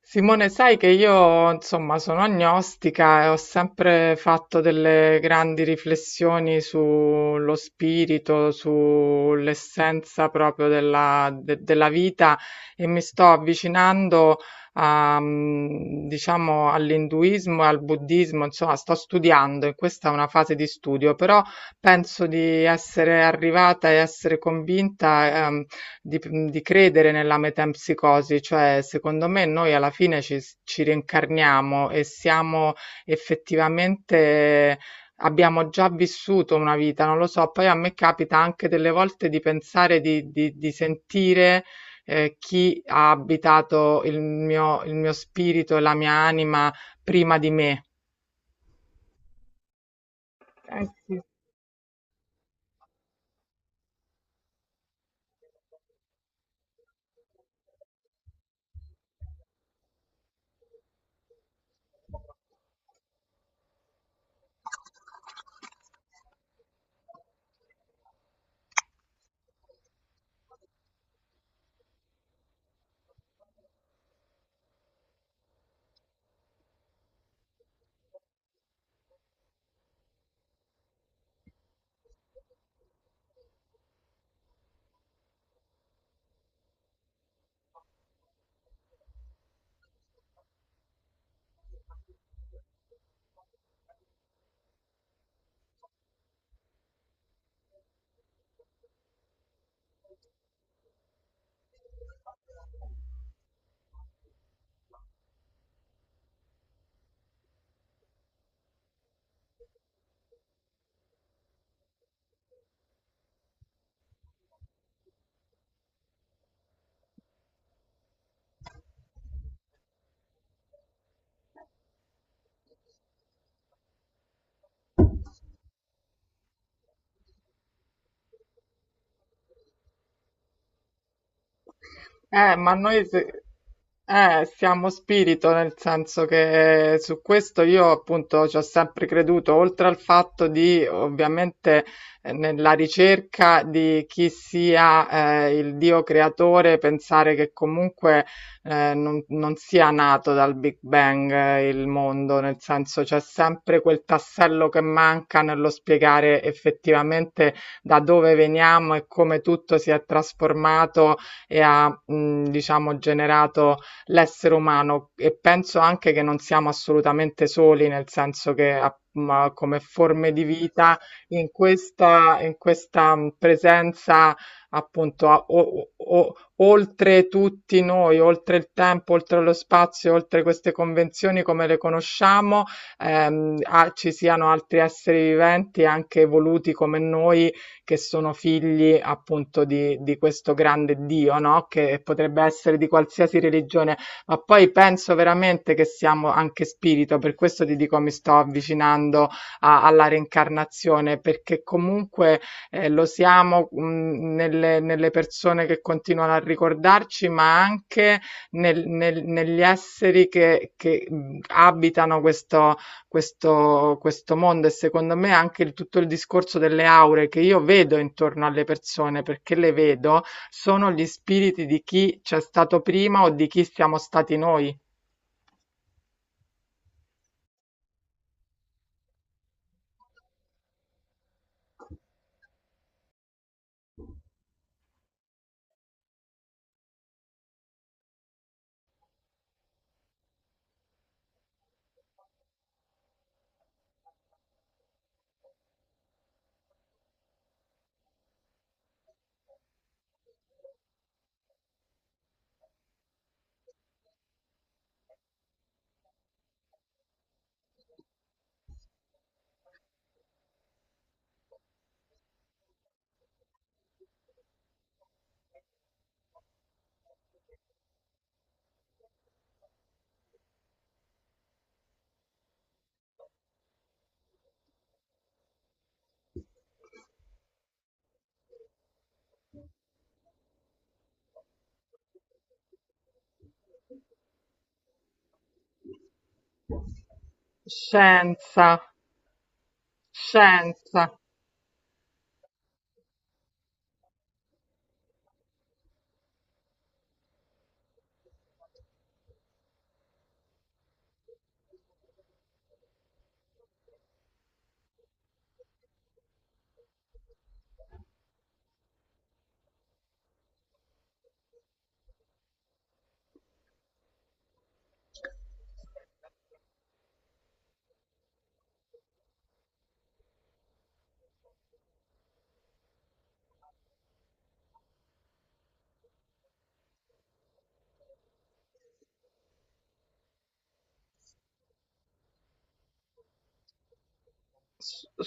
Simone, sai che io, insomma, sono agnostica e ho sempre fatto delle grandi riflessioni sullo spirito, sull'essenza proprio della vita e mi sto avvicinando diciamo, all'induismo e al buddismo. Insomma, sto studiando e questa è una fase di studio, però penso di essere arrivata e essere convinta, di, di credere nella metempsicosi. Cioè, secondo me noi alla fine ci rincarniamo e siamo effettivamente, abbiamo già vissuto una vita, non lo so. Poi a me capita anche delle volte di pensare, di sentire chi ha abitato il mio spirito e la mia anima prima di me. Eh sì. Ma noi se- siamo spirito, nel senso che su questo io appunto ci ho sempre creduto, oltre al fatto di ovviamente, nella ricerca di chi sia, il Dio creatore. Pensare che comunque non sia nato dal Big Bang, il mondo, nel senso c'è sempre quel tassello che manca nello spiegare effettivamente da dove veniamo e come tutto si è trasformato e ha, diciamo, generato l'essere umano. E penso anche che non siamo assolutamente soli, nel senso che ma come forme di vita in questa presenza, appunto oltre tutti noi, oltre il tempo, oltre lo spazio, oltre queste convenzioni come le conosciamo, ci siano altri esseri viventi anche evoluti come noi, che sono figli appunto di questo grande Dio, no? Che potrebbe essere di qualsiasi religione. Ma poi penso veramente che siamo anche spirito, per questo ti dico mi sto avvicinando alla reincarnazione, perché comunque lo siamo, nelle persone che continuano a ricordarci, ma anche negli esseri che abitano questo, questo mondo. E secondo me anche tutto il discorso delle aure che io vedo intorno alle persone, perché le vedo, sono gli spiriti di chi c'è stato prima o di chi siamo stati noi. Scienza, scienza.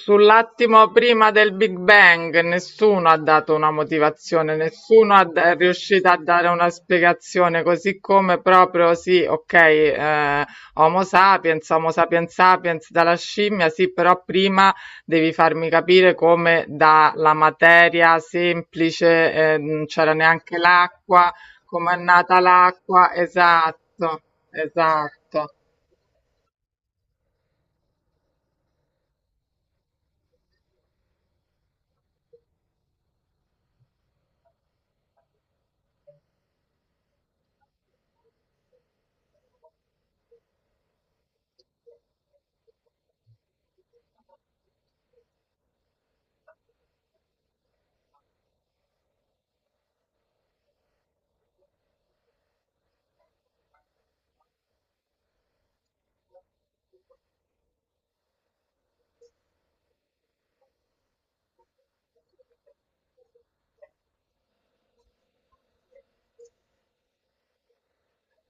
Sull'attimo prima del Big Bang nessuno ha dato una motivazione, nessuno è riuscito a dare una spiegazione, così come proprio sì, ok, Homo sapiens sapiens dalla scimmia, sì, però prima devi farmi capire come dalla materia semplice, non c'era neanche l'acqua, come è nata l'acqua, esatto, esatto.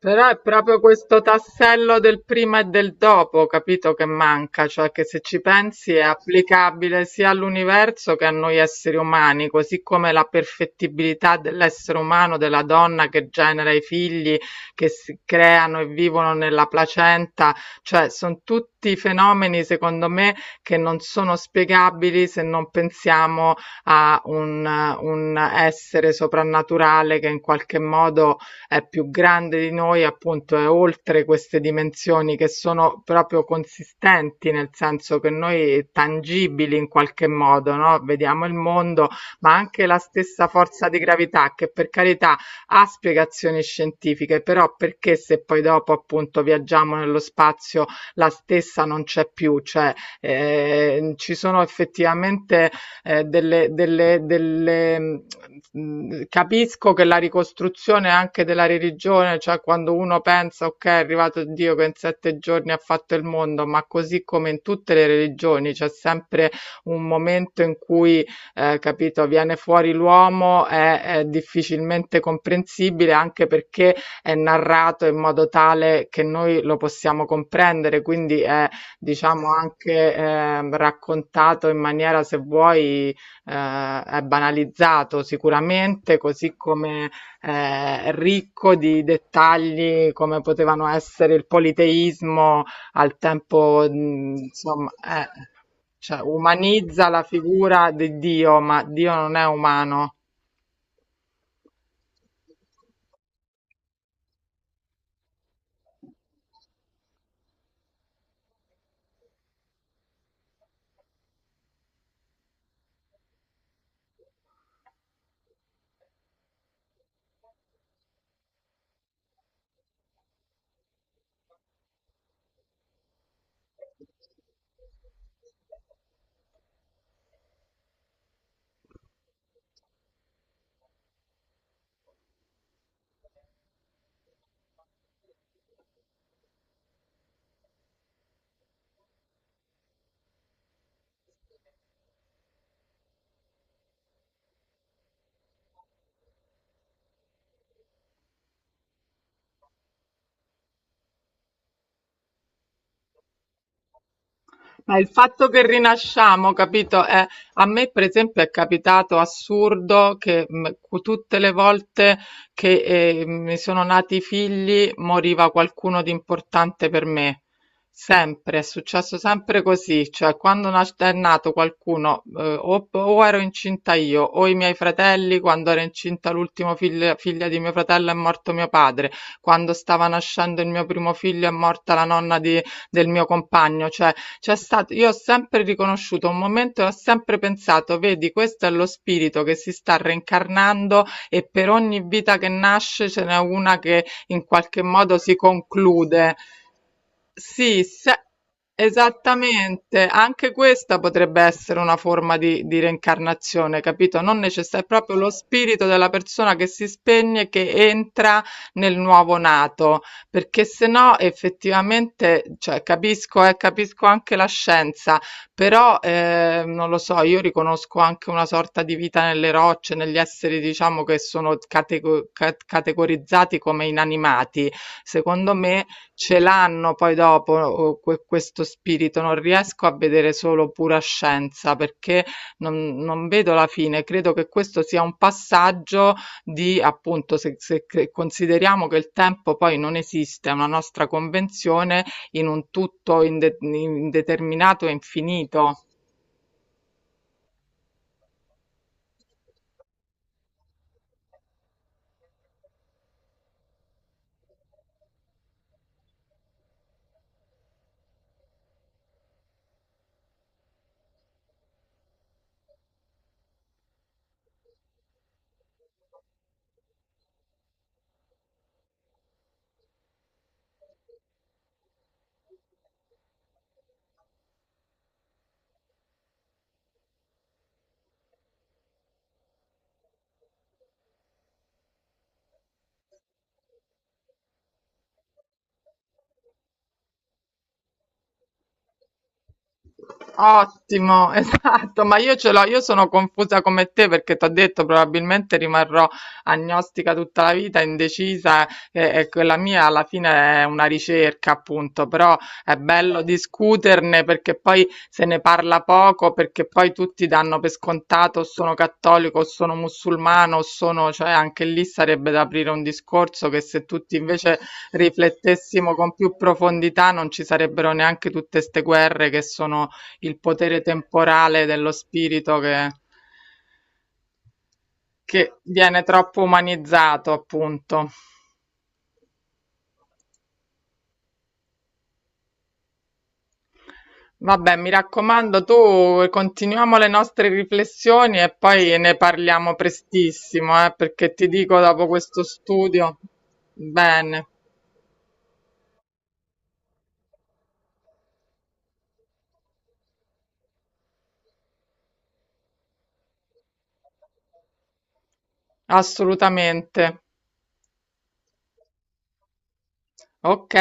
Però è proprio questo tassello del prima e del dopo, capito, che manca. Cioè, che se ci pensi è applicabile sia all'universo che a noi esseri umani, così come la perfettibilità dell'essere umano, della donna che genera i figli, che si creano e vivono nella placenta. Cioè, sono tutti fenomeni, secondo me, che non sono spiegabili se non pensiamo a un essere soprannaturale che in qualche modo è più grande di noi, appunto è oltre queste dimensioni che sono proprio consistenti, nel senso che noi tangibili in qualche modo, no? Vediamo il mondo, ma anche la stessa forza di gravità, che per carità ha spiegazioni scientifiche, però perché se poi dopo appunto viaggiamo nello spazio la stessa non c'è più. Cioè, ci sono effettivamente. eh, delle, delle, delle, Capisco che la ricostruzione anche della religione, cioè quando uno pensa, ok, è arrivato Dio che in 7 giorni ha fatto il mondo, ma così come in tutte le religioni c'è sempre un momento in cui, capito, viene fuori l'uomo, è difficilmente comprensibile, anche perché è narrato in modo tale che noi lo possiamo comprendere. Quindi è, diciamo anche, raccontato in maniera, se vuoi, è banalizzato sicuramente, così come ricco di dettagli come potevano essere il politeismo al tempo, insomma, cioè, umanizza la figura di Dio, ma Dio non è umano. Ma il fatto che rinasciamo, capito? A me, per esempio, è capitato assurdo che tutte le volte che mi sono nati i figli moriva qualcuno di importante per me. Sempre, è successo sempre così, cioè quando è nato qualcuno, o ero incinta io, o i miei fratelli. Quando ero incinta l'ultimo figlia di mio fratello è morto mio padre, quando stava nascendo il mio primo figlio è morta la nonna del mio compagno. Cioè, c'è stato, io ho sempre riconosciuto un momento e ho sempre pensato, vedi, questo è lo spirito che si sta reincarnando e per ogni vita che nasce ce n'è una che in qualche modo si conclude. Sì, se esattamente, anche questa potrebbe essere una forma di reincarnazione, capito? Non necessario, è proprio lo spirito della persona che si spegne, che entra nel nuovo nato, perché se no effettivamente, cioè, capisco, capisco anche la scienza, però non lo so, io riconosco anche una sorta di vita nelle rocce, negli esseri, diciamo, che sono categorizzati come inanimati. Secondo me ce l'hanno poi dopo questo spirito, non riesco a vedere solo pura scienza perché non vedo la fine. Credo che questo sia un passaggio di, appunto, se consideriamo che il tempo poi non esiste, è una nostra convenzione, in un tutto indeterminato e infinito. Ottimo, esatto, ma io ce l'ho, io sono confusa come te, perché ti ho detto probabilmente rimarrò agnostica tutta la vita, indecisa, e quella mia alla fine è una ricerca, appunto. Però è bello discuterne, perché poi se ne parla poco, perché poi tutti danno per scontato o sono cattolico o sono musulmano o sono, cioè anche lì sarebbe da aprire un discorso che se tutti invece riflettessimo con più profondità non ci sarebbero neanche tutte ste guerre, che sono il potere temporale dello spirito che, viene troppo umanizzato, appunto. Vabbè, mi raccomando, tu continuiamo le nostre riflessioni e poi ne parliamo prestissimo, perché ti dico dopo questo studio. Bene, assolutamente. Ok.